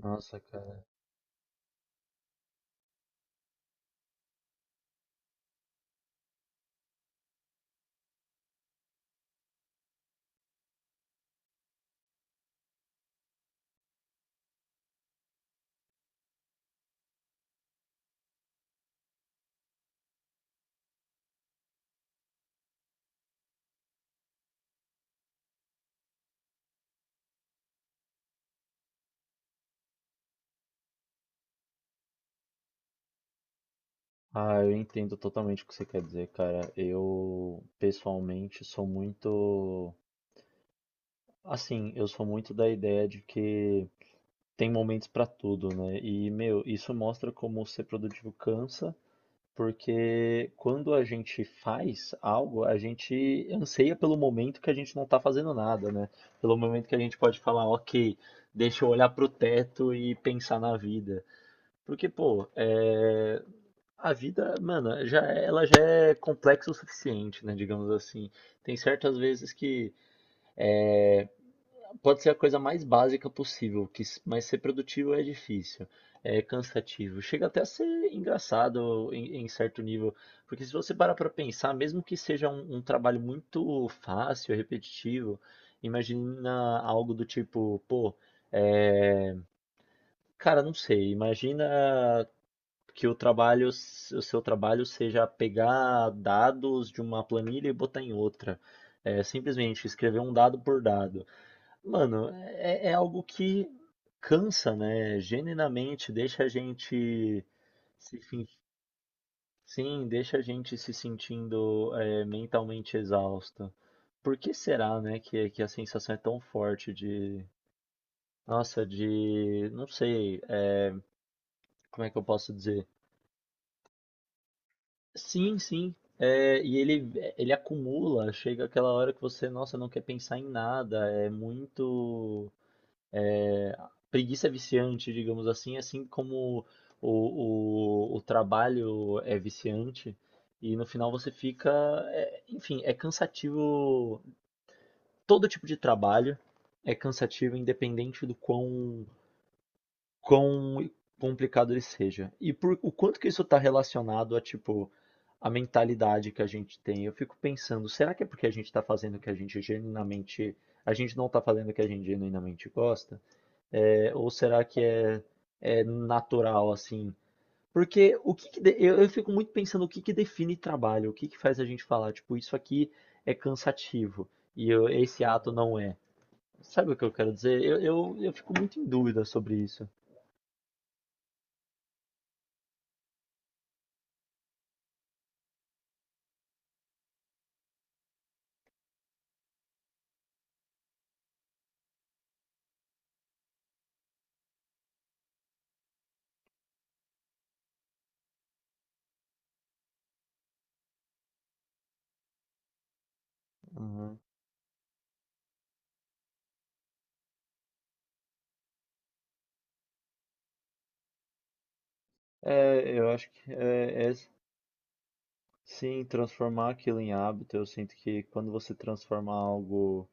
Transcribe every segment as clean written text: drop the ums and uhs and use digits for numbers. Nossa, cara. Ah, eu entendo totalmente o que você quer dizer, cara. Eu, pessoalmente, sou muito. Assim, eu sou muito da ideia de que tem momentos pra tudo, né? E, meu, isso mostra como ser produtivo cansa, porque quando a gente faz algo, a gente anseia pelo momento que a gente não tá fazendo nada, né? Pelo momento que a gente pode falar, ok, deixa eu olhar pro teto e pensar na vida. Porque, pô, a vida, mano, ela já é complexa o suficiente, né? Digamos assim. Tem certas vezes que pode ser a coisa mais básica possível, mas ser produtivo é difícil, é cansativo. Chega até a ser engraçado em, certo nível, porque se você parar pra pensar, mesmo que seja um trabalho muito fácil, repetitivo, imagina algo do tipo, pô, é, cara, não sei, imagina que o seu trabalho seja pegar dados de uma planilha e botar em outra. É, simplesmente escrever um dado por dado. Mano, é algo que cansa, né? Genuinamente deixa a gente se, sen- sim, deixa a gente se sentindo mentalmente exausto. Por que será, né, que a sensação é tão forte de, nossa, de, não sei, como é que eu posso dizer? Sim, sim. É, e ele, acumula, chega aquela hora que você, nossa, não quer pensar em nada, é muito preguiça viciante, digamos assim, assim como o trabalho é viciante, e no final você fica, enfim, é cansativo, todo tipo de trabalho é cansativo, independente do quão complicado ele seja. O quanto que isso está relacionado a, tipo, a mentalidade que a gente tem. Eu fico pensando, será que é porque a gente está fazendo o que a gente genuinamente, a gente não está fazendo o que a gente genuinamente gosta? Ou será que é natural assim? Porque o que, que de- eu fico muito pensando o que que define trabalho, o que que faz a gente falar, tipo, isso aqui é cansativo e esse ato não é. Sabe o que eu quero dizer? Eu fico muito em dúvida sobre isso. Uhum. É, eu acho que sim, transformar aquilo em hábito, eu sinto que quando você transforma algo,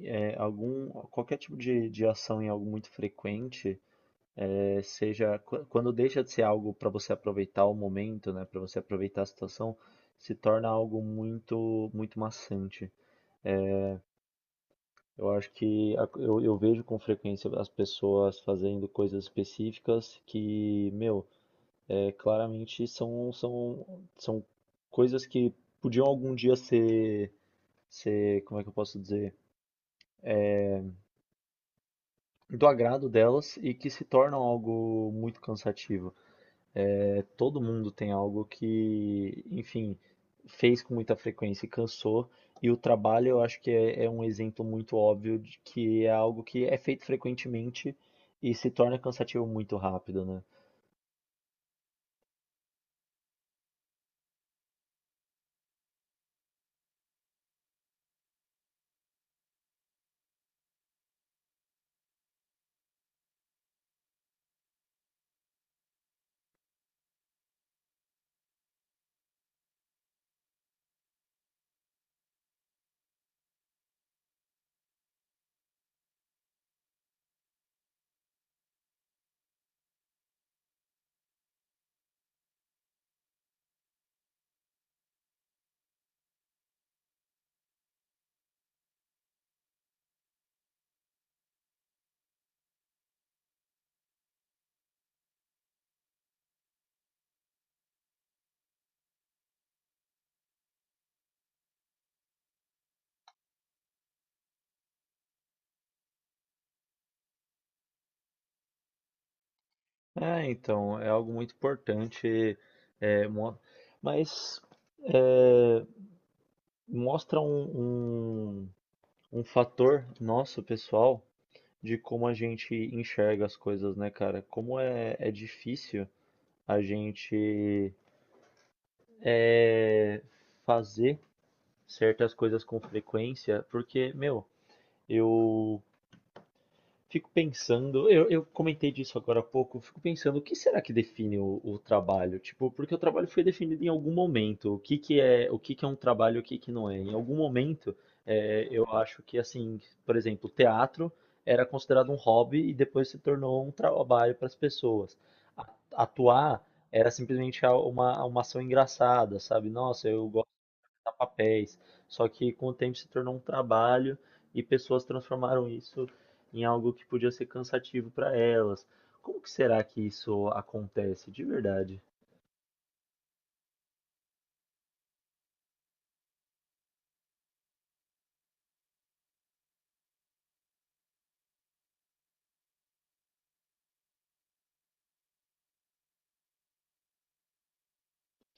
qualquer tipo de, ação em algo muito frequente, quando deixa de ser algo para você aproveitar o momento, né, para você aproveitar a situação, se torna algo muito, muito maçante. Eu acho que eu vejo com frequência as pessoas fazendo coisas específicas que, meu, claramente são coisas que podiam algum dia ser como é que eu posso dizer, do agrado delas e que se tornam algo muito cansativo. É, todo mundo tem algo que, enfim, fez com muita frequência e cansou. E o trabalho, eu acho que é um exemplo muito óbvio de que é algo que é feito frequentemente e se torna cansativo muito rápido, né? É, então, é algo muito importante, é, mo- mas é, mostra um, um fator nosso, pessoal, de como a gente enxerga as coisas, né, cara? Como é difícil a gente é, fazer certas coisas com frequência, porque, meu, eu fico pensando, eu comentei disso agora há pouco, fico pensando o que será que define o trabalho? Tipo, porque o trabalho foi definido em algum momento. O que que é, o que que é um trabalho, o que que não é? Em algum momento, eu acho que assim, por exemplo, teatro era considerado um hobby e depois se tornou um trabalho para as pessoas. Atuar era simplesmente uma ação engraçada, sabe? Nossa, eu a papéis. Só que com o tempo se tornou um trabalho e pessoas transformaram isso em algo que podia ser cansativo para elas. Como que será que isso acontece de verdade?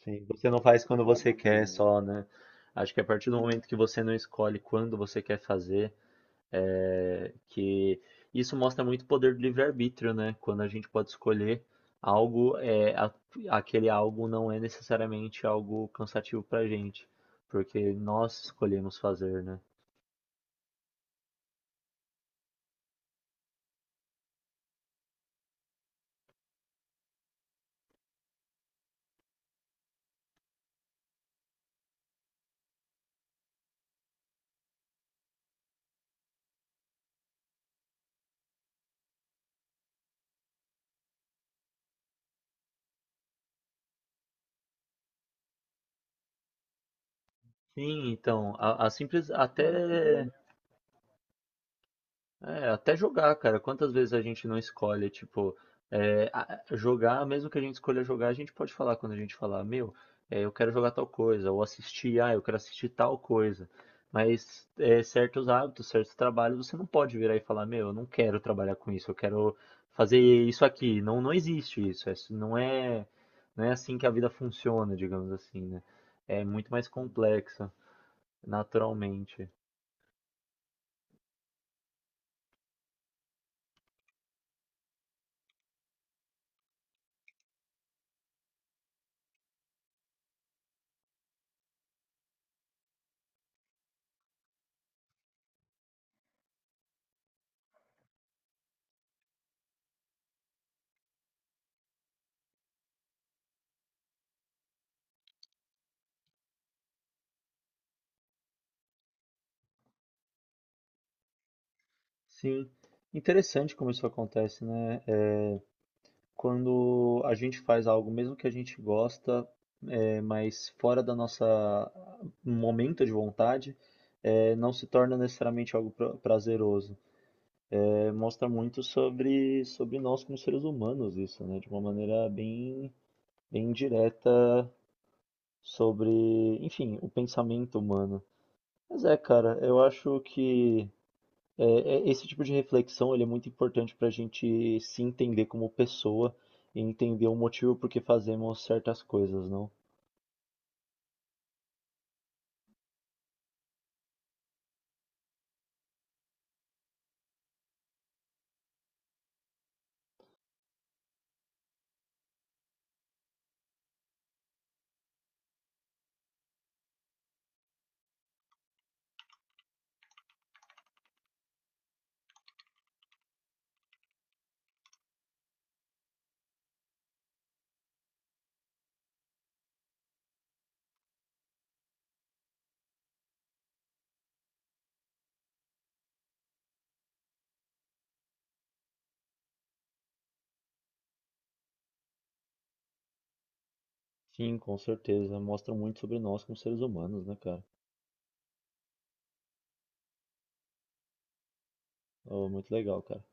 Sim, você não faz quando você quer só, né? Acho que a partir do momento que você não escolhe quando você quer fazer, que isso mostra muito o poder do livre-arbítrio, né? Quando a gente pode escolher algo, aquele algo não é necessariamente algo cansativo pra gente, porque nós escolhemos fazer, né? Sim, então, a simples, até jogar, cara. Quantas vezes a gente não escolhe, tipo, é, a- jogar, mesmo que a gente escolha jogar, a gente pode falar quando a gente falar, meu, eu quero jogar tal coisa, ou assistir, ah, eu quero assistir tal coisa. Mas certos hábitos, certos trabalhos, você não pode virar e falar, meu, eu não quero trabalhar com isso, eu quero fazer isso aqui. Não, não existe isso. Não é, não é assim que a vida funciona, digamos assim, né? É muito mais complexa, naturalmente. Sim, interessante como isso acontece, né? É, quando a gente faz algo, mesmo que a gente gosta, mas fora da nossa um momento de vontade, não se torna necessariamente algo prazeroso. É, mostra muito sobre nós como seres humanos isso, né? De uma maneira bem direta sobre, enfim, o pensamento humano. Mas cara, eu acho que É, esse tipo de reflexão ele é muito importante para a gente se entender como pessoa e entender o motivo por que fazemos certas coisas, não? Sim, com certeza. Mostra muito sobre nós como seres humanos, né, cara? Oh, muito legal, cara.